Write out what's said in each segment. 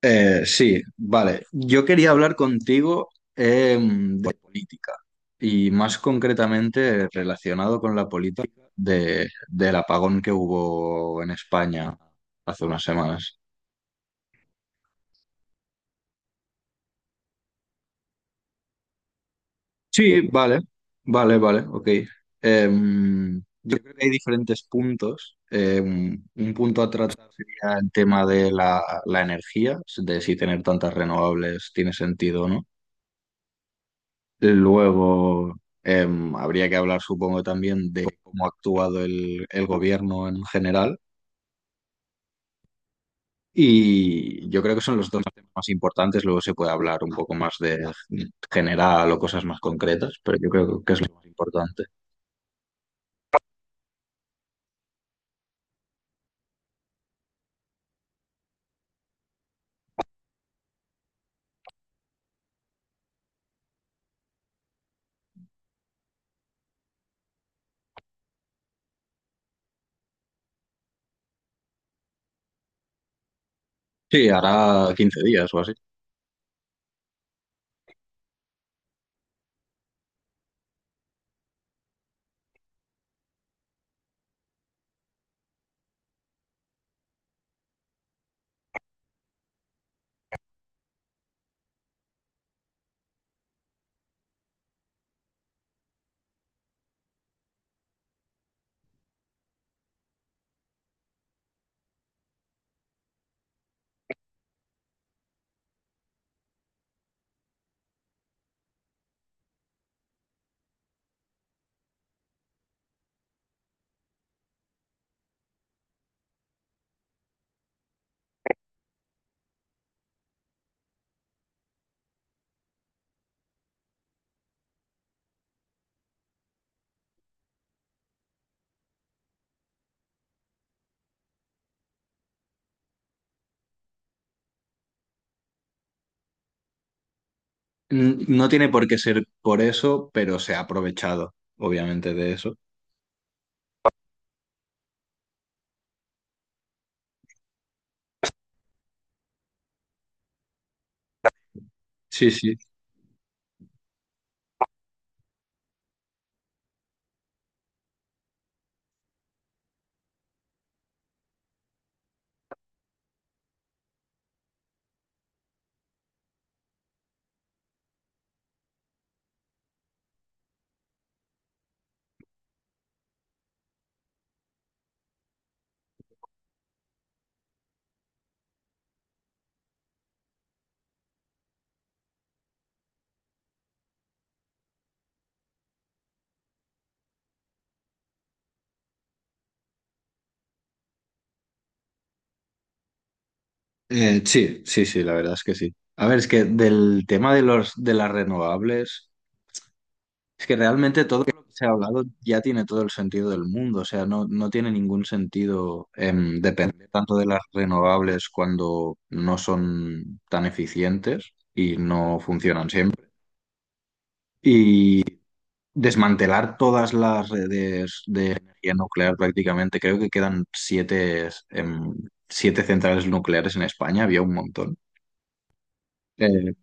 Sí, vale. Yo quería hablar contigo de política y más concretamente relacionado con la política del apagón que hubo en España hace unas semanas. Sí, vale, vale, vale, ok. Em, yo creo que hay diferentes puntos. Un punto a tratar sería el tema de la energía, de si tener tantas renovables tiene sentido o no. Luego, habría que hablar, supongo, también de cómo ha actuado el gobierno en general. Y yo creo que son los dos temas más importantes. Luego se puede hablar un poco más de general o cosas más concretas, pero yo creo que es lo más importante. Sí, hará 15 días o así. No tiene por qué ser por eso, pero se ha aprovechado, obviamente, de eso. Sí, sí. Sí, sí, sí, la verdad es que sí. A ver, es que del tema de los de las renovables. Es que realmente todo lo que se ha hablado ya tiene todo el sentido del mundo, o sea, no, no tiene ningún sentido depender tanto de las renovables cuando no son tan eficientes y no funcionan siempre. Y desmantelar todas las redes de energía nuclear prácticamente, creo que quedan siete centrales nucleares en España, había un montón. Eh,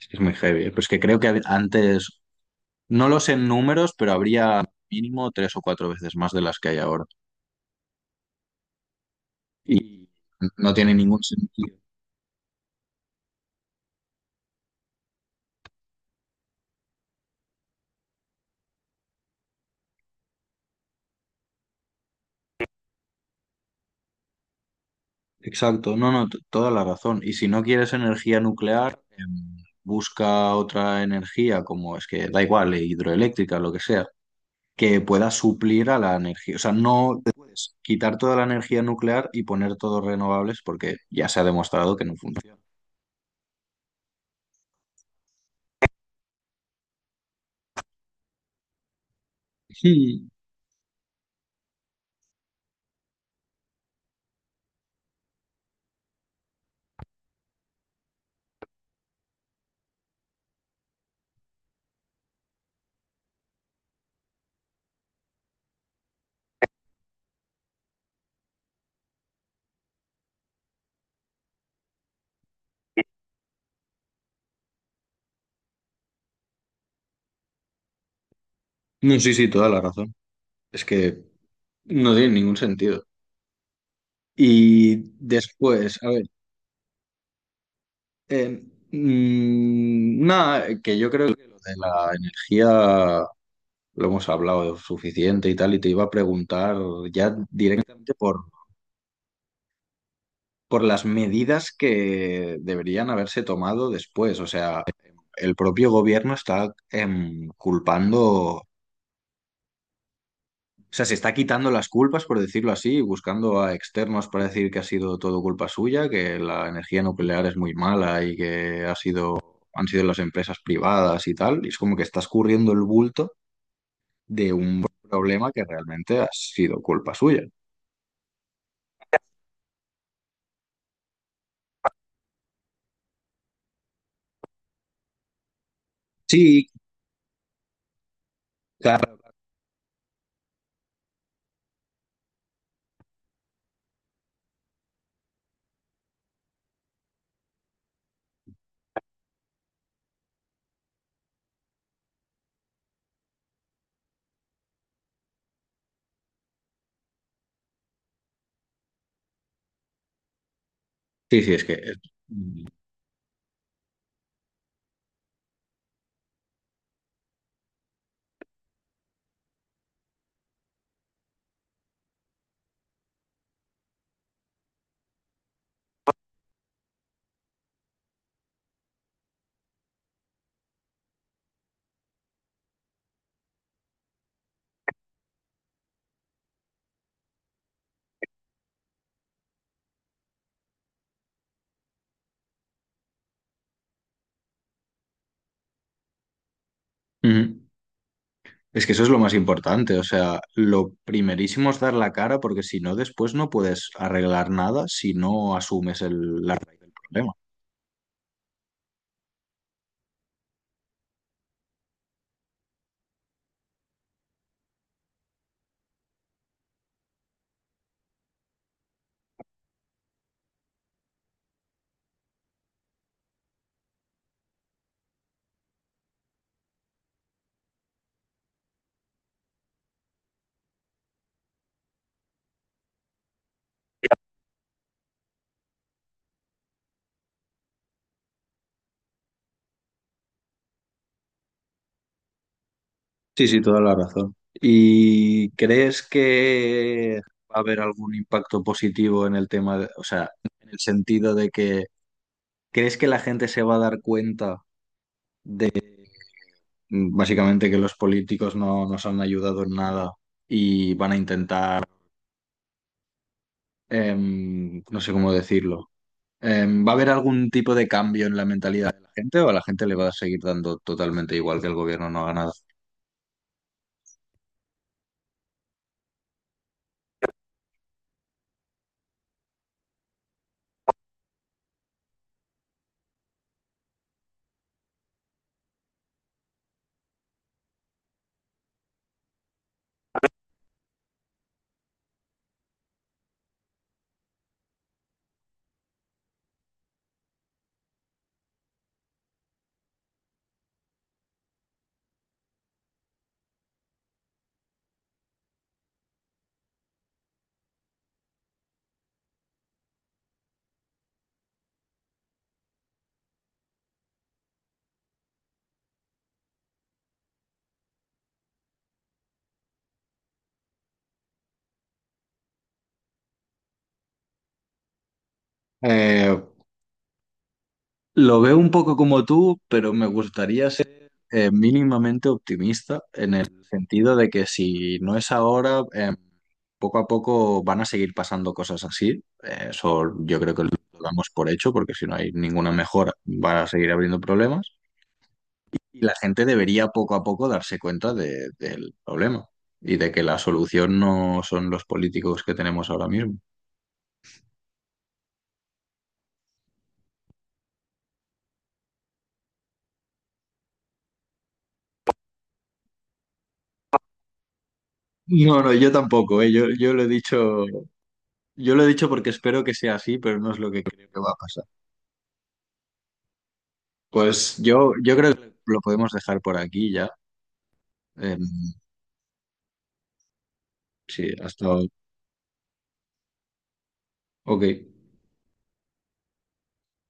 es que es muy heavy, pues que creo que antes no lo sé en números, pero habría mínimo tres o cuatro veces más de las que hay ahora. Y no tiene ningún sentido. Exacto, no, no, toda la razón. Y si no quieres energía nuclear, busca otra energía, como es que da igual, hidroeléctrica, lo que sea, que pueda suplir a la energía. O sea, no te puedes quitar toda la energía nuclear y poner todos renovables porque ya se ha demostrado que no funciona. Sí. No, sí, sí, toda la razón. Es que no tiene ningún sentido. Y después, a ver, eh, nada, que yo creo que lo de la energía lo hemos hablado suficiente y tal, y te iba a preguntar ya directamente por las medidas que deberían haberse tomado después. O sea, el propio gobierno está culpando. O sea, se está quitando las culpas, por decirlo así, buscando a externos para decir que ha sido todo culpa suya, que la energía nuclear es muy mala y que ha sido, han sido las empresas privadas y tal. Y es como que está escurriendo el bulto de un problema que realmente ha sido culpa suya. Sí, claro. Sí, sí, es que... Ujú. Es que eso es lo más importante, o sea, lo primerísimo es dar la cara porque si no, después no puedes arreglar nada si no asumes el, la raíz del problema. Sí, sí, toda la razón. ¿Y crees que va a haber algún impacto positivo en el tema o sea, en el sentido de que crees que la gente se va a dar cuenta de básicamente que los políticos no nos han ayudado en nada y van a intentar, no sé cómo decirlo. ¿Va a haber algún tipo de cambio en la mentalidad de la gente o a la gente le va a seguir dando totalmente igual que el gobierno no haga nada? Eh, Lo veo un poco como tú, pero me gustaría ser mínimamente optimista en el sentido de que si no es ahora, poco a poco van a seguir pasando cosas así. Eso yo creo que lo damos por hecho, porque si no hay ninguna mejora, van a seguir habiendo problemas. Y la gente debería poco a poco darse cuenta del problema y de que la solución no son los políticos que tenemos ahora mismo. No, no, yo tampoco. Yo lo he dicho. Yo lo he dicho porque espero que sea así, pero no es lo que creo que va a pasar. Pues yo creo que lo podemos dejar por aquí ya. Em, sí, hasta... Ok.